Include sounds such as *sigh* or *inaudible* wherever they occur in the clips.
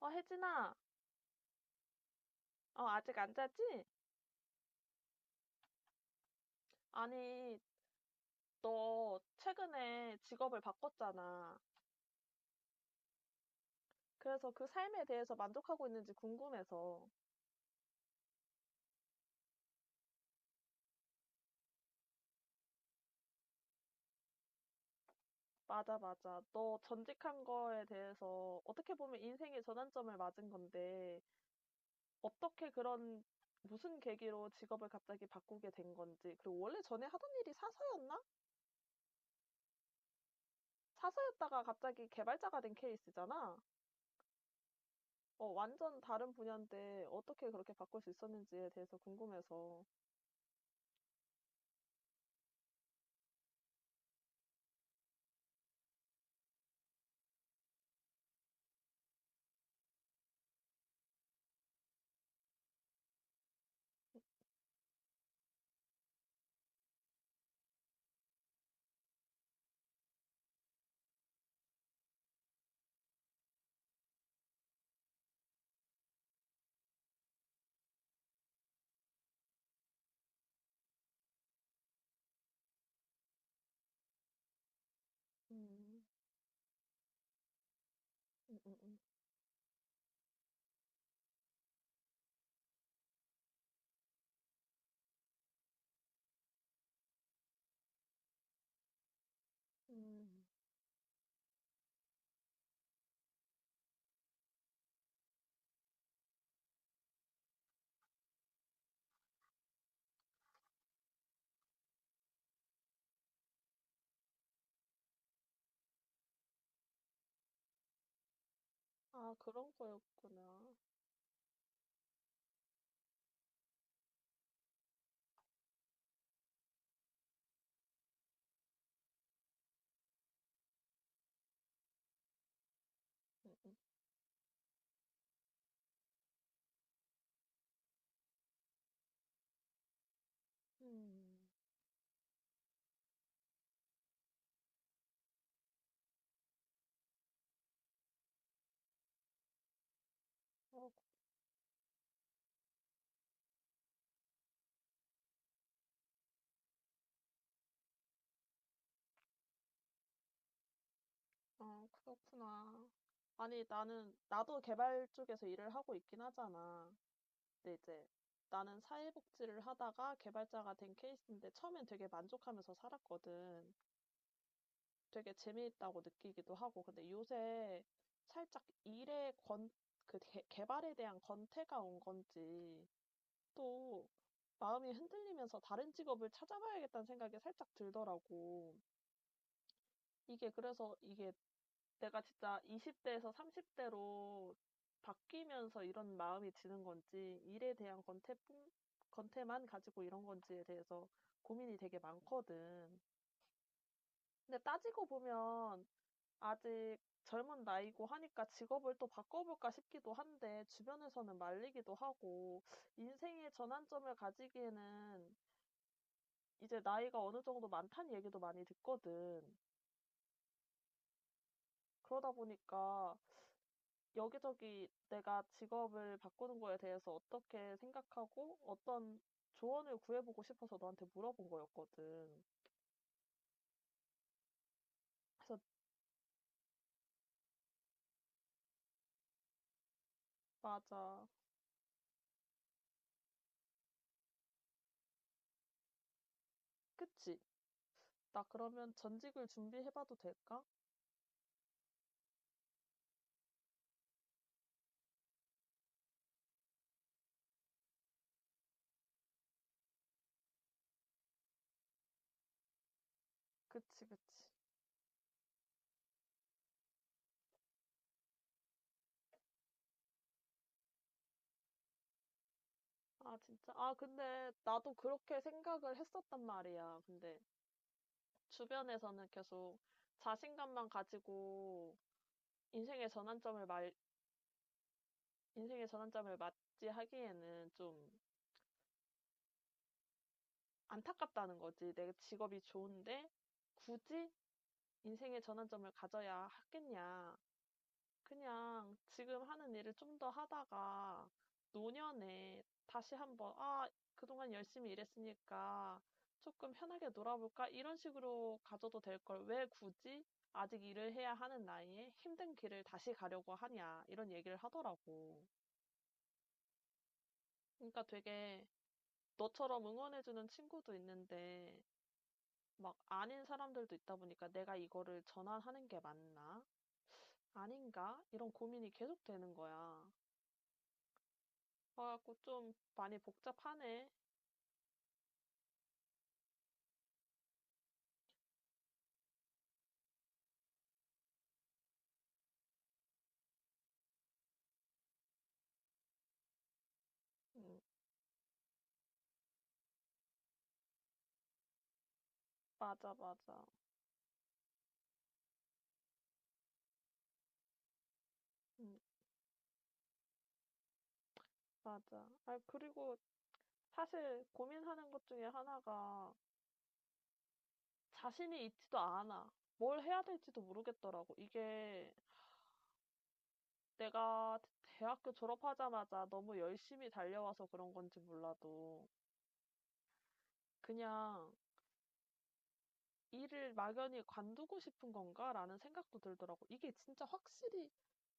어, 혜진아, 어, 아직 안 자지? 아니, 너 최근에 직업을 바꿨잖아. 그래서 그 삶에 대해서 만족하고 있는지 궁금해서. 맞아, 맞아. 너 전직한 거에 대해서 어떻게 보면 인생의 전환점을 맞은 건데, 어떻게 그런, 무슨 계기로 직업을 갑자기 바꾸게 된 건지, 그리고 원래 전에 하던 일이 사서였나? 사서였다가 갑자기 개발자가 된 케이스잖아? 어, 완전 다른 분야인데 어떻게 그렇게 바꿀 수 있었는지에 대해서 궁금해서. 음. 음, 음, 음. 음. 아, 그런 거였구나. 음, 음, 음. 어, 아, 그렇구나. 아니, 나도 개발 쪽에서 일을 하고 있긴 하잖아. 근데 이제 나는 사회복지를 하다가 개발자가 된 케이스인데 처음엔 되게 만족하면서 살았거든. 되게 재미있다고 느끼기도 하고. 근데 요새 살짝 개발에 대한 권태가 온 건지 또 마음이 흔들리면서 다른 직업을 찾아봐야겠다는 생각이 살짝 들더라고. 이게 그래서 이게 내가 진짜 20대에서 30대로 바뀌면서 이런 마음이 드는 건지, 일에 대한 권태만 가지고 이런 건지에 대해서 고민이 되게 많거든. 근데 따지고 보면 아직 젊은 나이고 하니까 직업을 또 바꿔볼까 싶기도 한데, 주변에서는 말리기도 하고, 인생의 전환점을 가지기에는 이제 나이가 어느 정도 많다는 얘기도 많이 듣거든. 그러다 보니까 여기저기 내가 직업을 바꾸는 거에 대해서 어떻게 생각하고 어떤 조언을 구해보고 싶어서 너한테 물어본 거였거든. 그래서 맞아. 그치? 나 그러면 전직을 준비해봐도 될까? 그치, 그치. 아, 진짜. 아, 근데 나도 그렇게 생각을 했었단 말이야. 근데 주변에서는 계속 자신감만 가지고 인생의 전환점을 말 인생의 전환점을 맞이하기에는 좀 안타깝다는 거지. 내 직업이 좋은데 굳이 인생의 전환점을 가져야 하겠냐. 그냥 지금 하는 일을 좀 더 하다가 노년에 다시 한번, 아, 그동안 열심히 일했으니까 조금 편하게 놀아볼까? 이런 식으로 가져도 될 걸 왜 굳이 아직 일을 해야 하는 나이에 힘든 길을 다시 가려고 하냐. 이런 얘기를 하더라고. 그러니까 되게 너처럼 응원해주는 친구도 있는데 막 아닌 사람들도 있다 보니까 '내가 이거를 전환하는 게 맞나? 아닌가?' 이런 고민이 계속 되는 거야. 그래 갖고 좀 많이 복잡하네. 음. 맞아, 맞아. 음. 맞아. 아 그리고 사실 고민하는 것 중에 하나가 자신이 있지도 않아. 뭘 해야 될지도 모르겠더라고. 이게 내가 대학교 졸업하자마자 너무 열심히 달려와서 그런 건지 몰라도 그냥 '일을 막연히 관두고 싶은 건가?'라는 생각도 들더라고요. 이게 진짜 확실히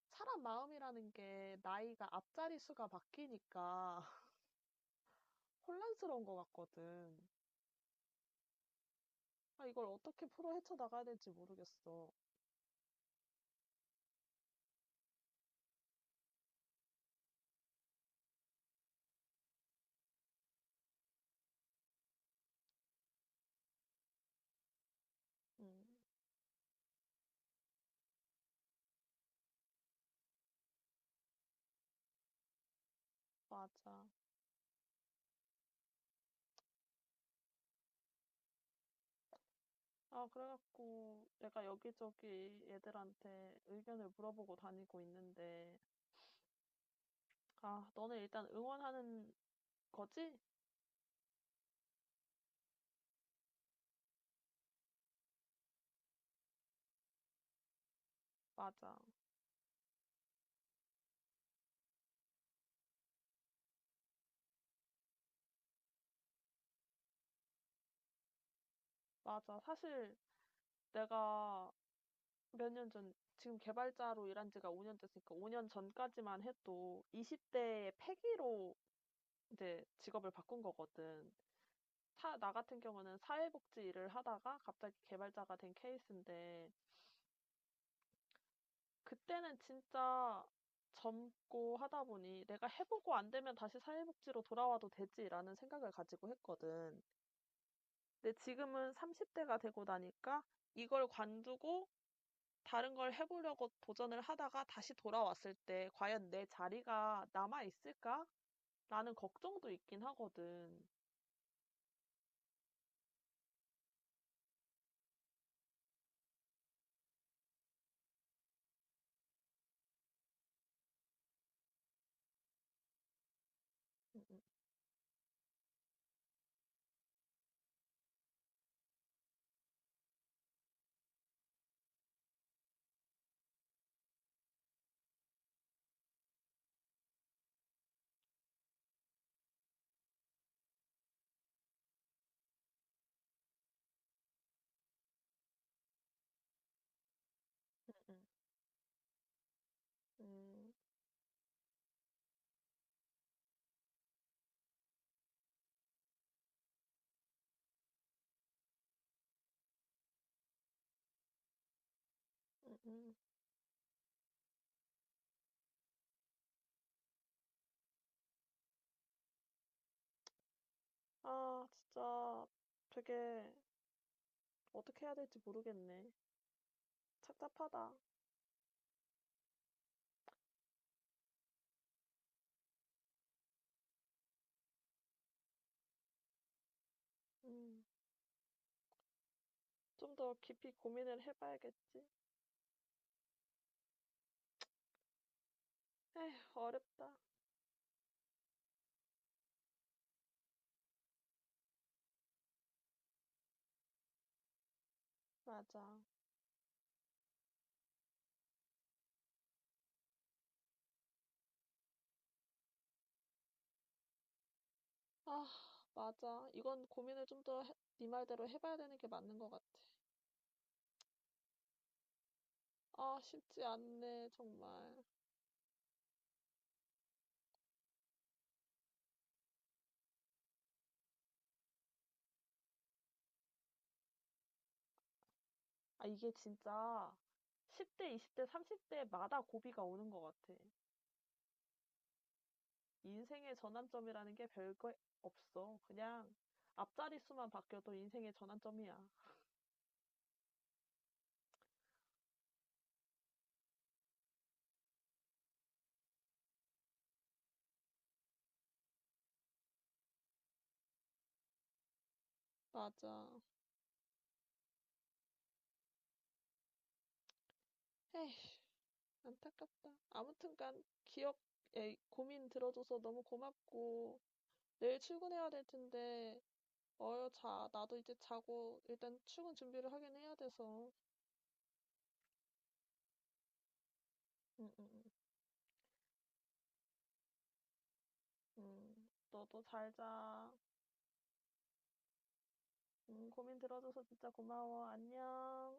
사람 마음이라는 게 나이가 앞자리 수가 바뀌니까 *laughs* 혼란스러운 것 같거든. 아 이걸 어떻게 풀어 헤쳐나가야 될지 모르겠어. 음 맞아. 아 그래 갖고 내가 여기저기 애들한테 의견을 물어보고 다니고 있는데 "아 너네 일단 응원하는 거지?" 맞아. 맞아. 사실 내가 몇 년 전, 지금 개발자로 일한 지가 5년 됐으니까 5년 전까지만 해도 20대의 패기로 이제 직업을 바꾼 거거든. 나 같은 경우는 사회복지 일을 하다가 갑자기 개발자가 된 케이스인데, 그때는 진짜 젊고 하다 보니 내가 해보고 안 되면 다시 사회복지로 돌아와도 되지라는 생각을 가지고 했거든. 근데 지금은 30대가 되고 나니까 이걸 관두고 다른 걸 해 보려고 도전을 하다가 다시 돌아왔을 때 '과연 내 자리가 남아 있을까?'라는 걱정도 있긴 하거든. 음음음음. 음. 음 음, 음, 음. 아 진짜 되게 어떻게 해야 될지 모르겠네. 착잡하다. 음. 좀 더 깊이 고민을 해 봐야겠지. 에휴 어렵다. 맞아. 아 맞아. 이건 고민을 좀 더 네 말대로 해 봐야 되는 게 맞는 것 같아. 아 쉽지 않네 정말. 아, 이게 진짜 10대, 20대, 30대마다 고비가 오는 것 같아. 인생의 전환점이라는 게 별거 없어. 그냥 앞자리 수만 바뀌어도 인생의 전환점이야. 맞아. 에휴, 안타깝다. 아무튼간 기억, 에 고민 들어줘서 너무 고맙고 내일 출근해야 될 텐데 어여 자. 나도 이제 자고 일단 출근 준비를 하긴 해야 돼서. 응, 응, 응. 응. 너도 잘 자. 고민 들어줘서 진짜 고마워. 안녕.